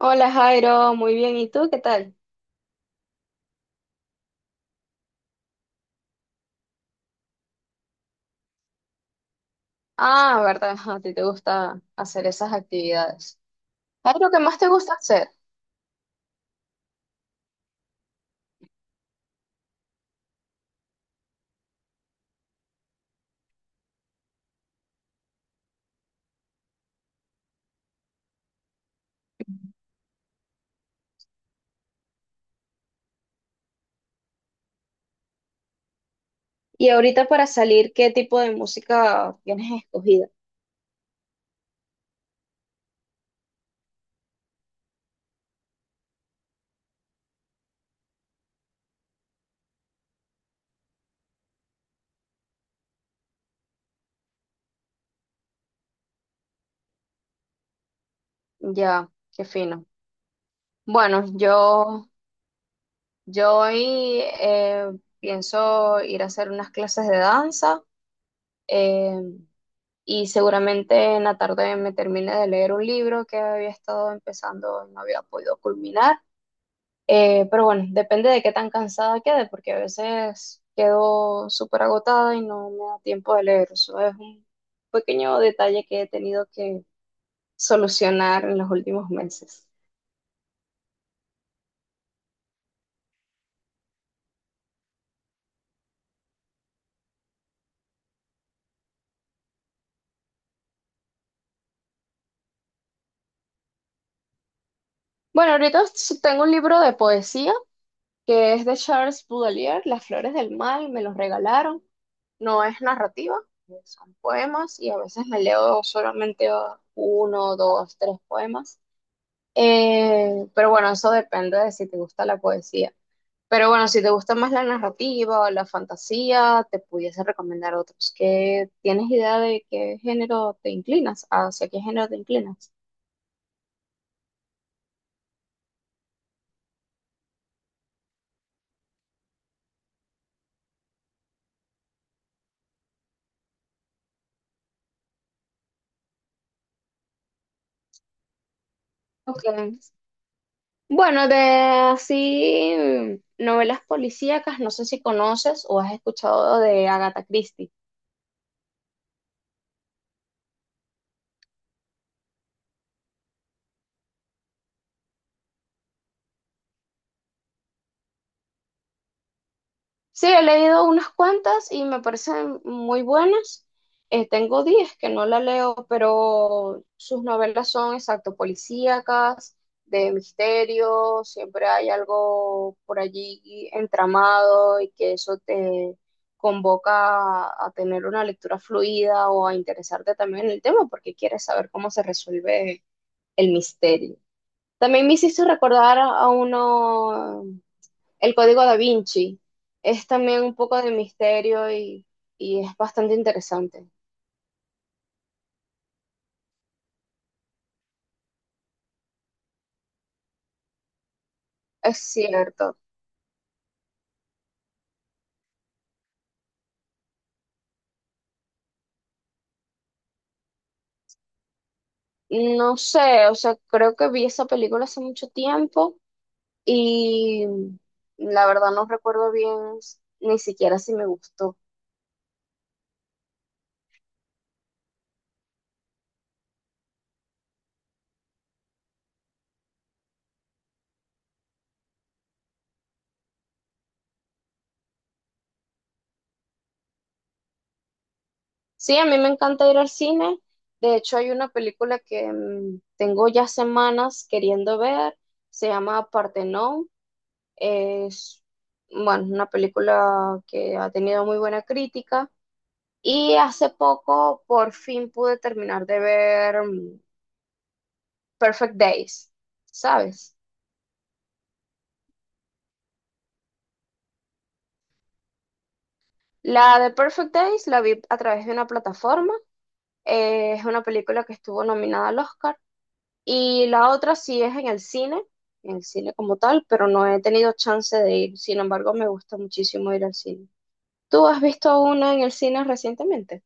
Hola Jairo, muy bien. ¿Y tú qué tal? Ah, verdad, a ti te gusta hacer esas actividades. Jairo, ¿qué más te gusta hacer? Y ahorita para salir, ¿qué tipo de música tienes escogida? Ya, qué fino. Bueno, yo hoy pienso ir a hacer unas clases de danza, eh, y seguramente en la tarde me termine de leer un libro que había estado empezando y no había podido culminar. Pero bueno, depende de qué tan cansada quede, porque a veces quedo súper agotada y no me da tiempo de leer. Eso es un pequeño detalle que he tenido que solucionar en los últimos meses. Bueno, ahorita tengo un libro de poesía que es de Charles Baudelaire, Las flores del mal, me los regalaron. No es narrativa, son poemas y a veces me leo solamente uno, dos, tres poemas. Pero bueno, eso depende de si te gusta la poesía. Pero bueno, si te gusta más la narrativa o la fantasía, te pudiese recomendar otros. ¿Qué, tienes idea de qué género te inclinas? ¿Hacia qué género te inclinas? Okay. Bueno, de así novelas policíacas, no sé si conoces o has escuchado de Agatha Christie. Sí, he leído unas cuantas y me parecen muy buenas. Tengo 10 que no la leo, pero sus novelas son exacto policíacas, de misterio, siempre hay algo por allí entramado y que eso te convoca a tener una lectura fluida o a interesarte también en el tema porque quieres saber cómo se resuelve el misterio. También me hiciste recordar a uno, el Código Da Vinci es también un poco de misterio y es bastante interesante. Es cierto. No sé, o sea, creo que vi esa película hace mucho tiempo y la verdad no recuerdo bien ni siquiera si me gustó. Sí, a mí me encanta ir al cine. De hecho, hay una película que, tengo ya semanas queriendo ver. Se llama Partenón. Es, bueno, una película que ha tenido muy buena crítica. Y hace poco por fin pude terminar de ver, Perfect Days, ¿sabes? La de Perfect Days la vi a través de una plataforma, es una película que estuvo nominada al Oscar, y la otra sí es en el cine como tal, pero no he tenido chance de ir, sin embargo me gusta muchísimo ir al cine. ¿Tú has visto una en el cine recientemente?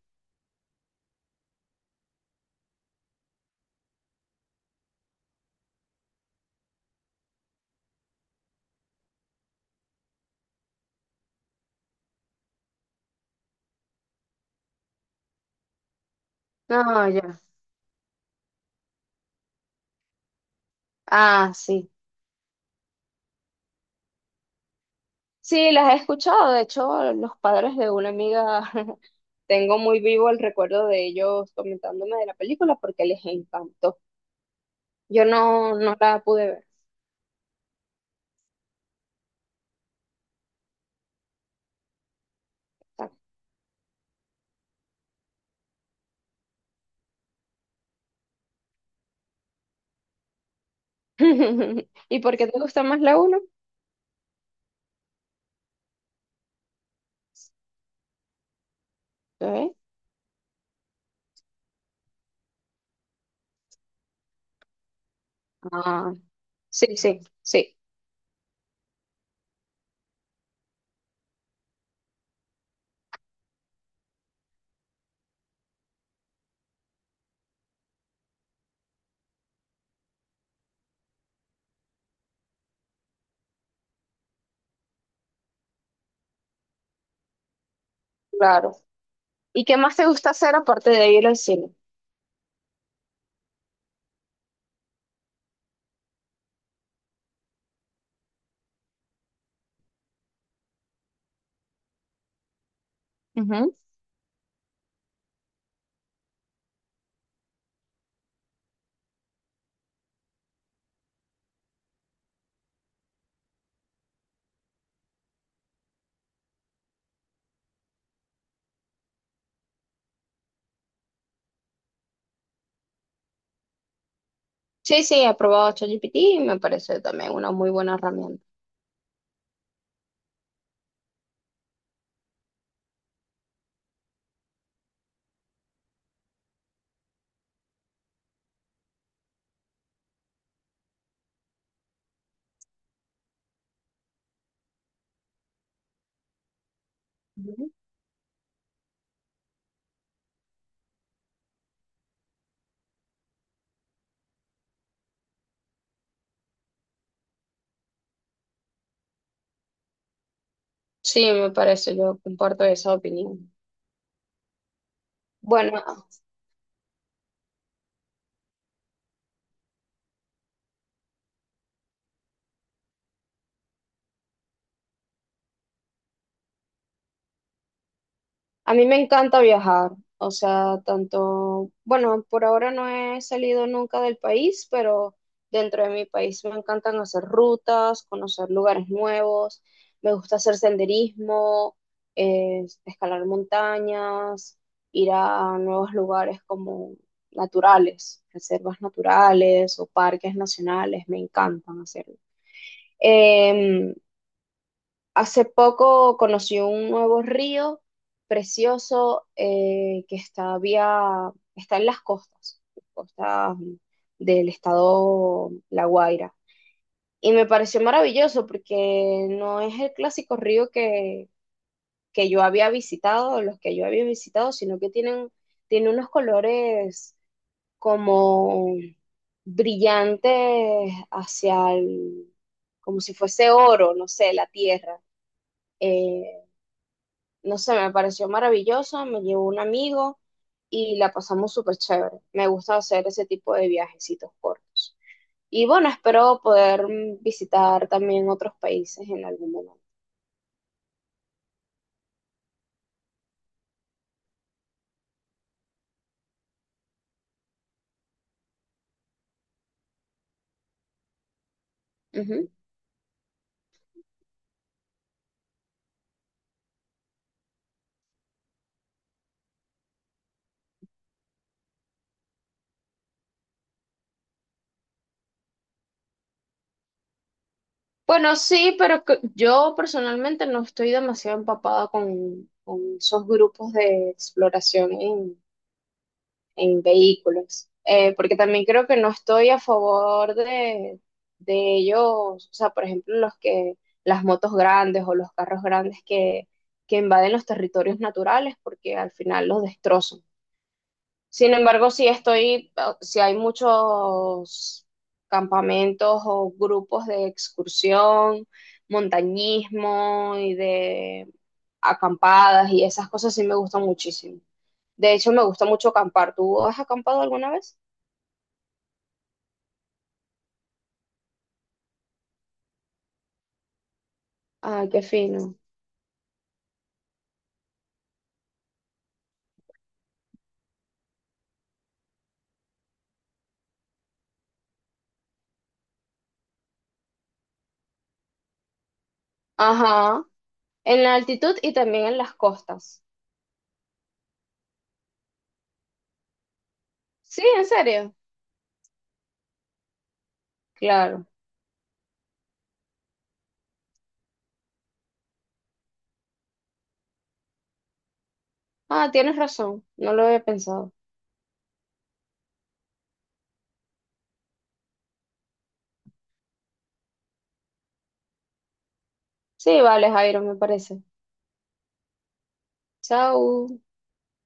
No, ya. Ah, sí. Sí, las he escuchado. De hecho, los padres de una amiga, tengo muy vivo el recuerdo de ellos comentándome de la película porque les encantó. Yo no la pude ver. ¿Y por qué te gusta más la 1? Ah, sí, sí, sí, claro. ¿Y qué más te gusta hacer aparte de ir al cine? Ujú. Sí, sí, he probado ChatGPT y me parece también una muy buena herramienta. Sí, me parece, yo comparto esa opinión. Bueno, a mí me encanta viajar, o sea, tanto, bueno, por ahora no he salido nunca del país, pero dentro de mi país me encantan hacer rutas, conocer lugares nuevos, me gusta hacer senderismo, escalar montañas, ir a nuevos lugares como naturales, reservas naturales o parques nacionales, me encantan hacerlo. Em, Hace poco conocí un nuevo río precioso que está, está en las costas, costas del estado La Guaira. Y me pareció maravilloso porque no es el clásico río que yo había visitado, los que yo había visitado, sino que tiene unos colores como brillantes hacia el, como si fuese oro, no sé, la tierra. Eh, no sé, me pareció maravilloso, me llevó un amigo y la pasamos súper chévere. Me gusta hacer ese tipo de viajecitos cortos. Y bueno, espero poder visitar también otros países en algún momento. Ujú. Bueno, sí, pero yo personalmente no estoy demasiado empapada con esos grupos de exploración en vehículos, porque también creo que no estoy a favor de ellos, o sea, por ejemplo, los que, las motos grandes o los carros grandes que invaden los territorios naturales, porque al final los destrozan. Sin embargo, si hay muchos campamentos o grupos de excursión, montañismo y de acampadas y esas cosas sí me gustan muchísimo. De hecho, me gusta mucho acampar. ¿Tú has acampado alguna vez? Ay, qué fino. Ajá. En la altitud y también en las costas. Sí, en serio. Claro. Ah, tienes razón. No lo había pensado. Sí, vale, Jairo, me parece. Chao.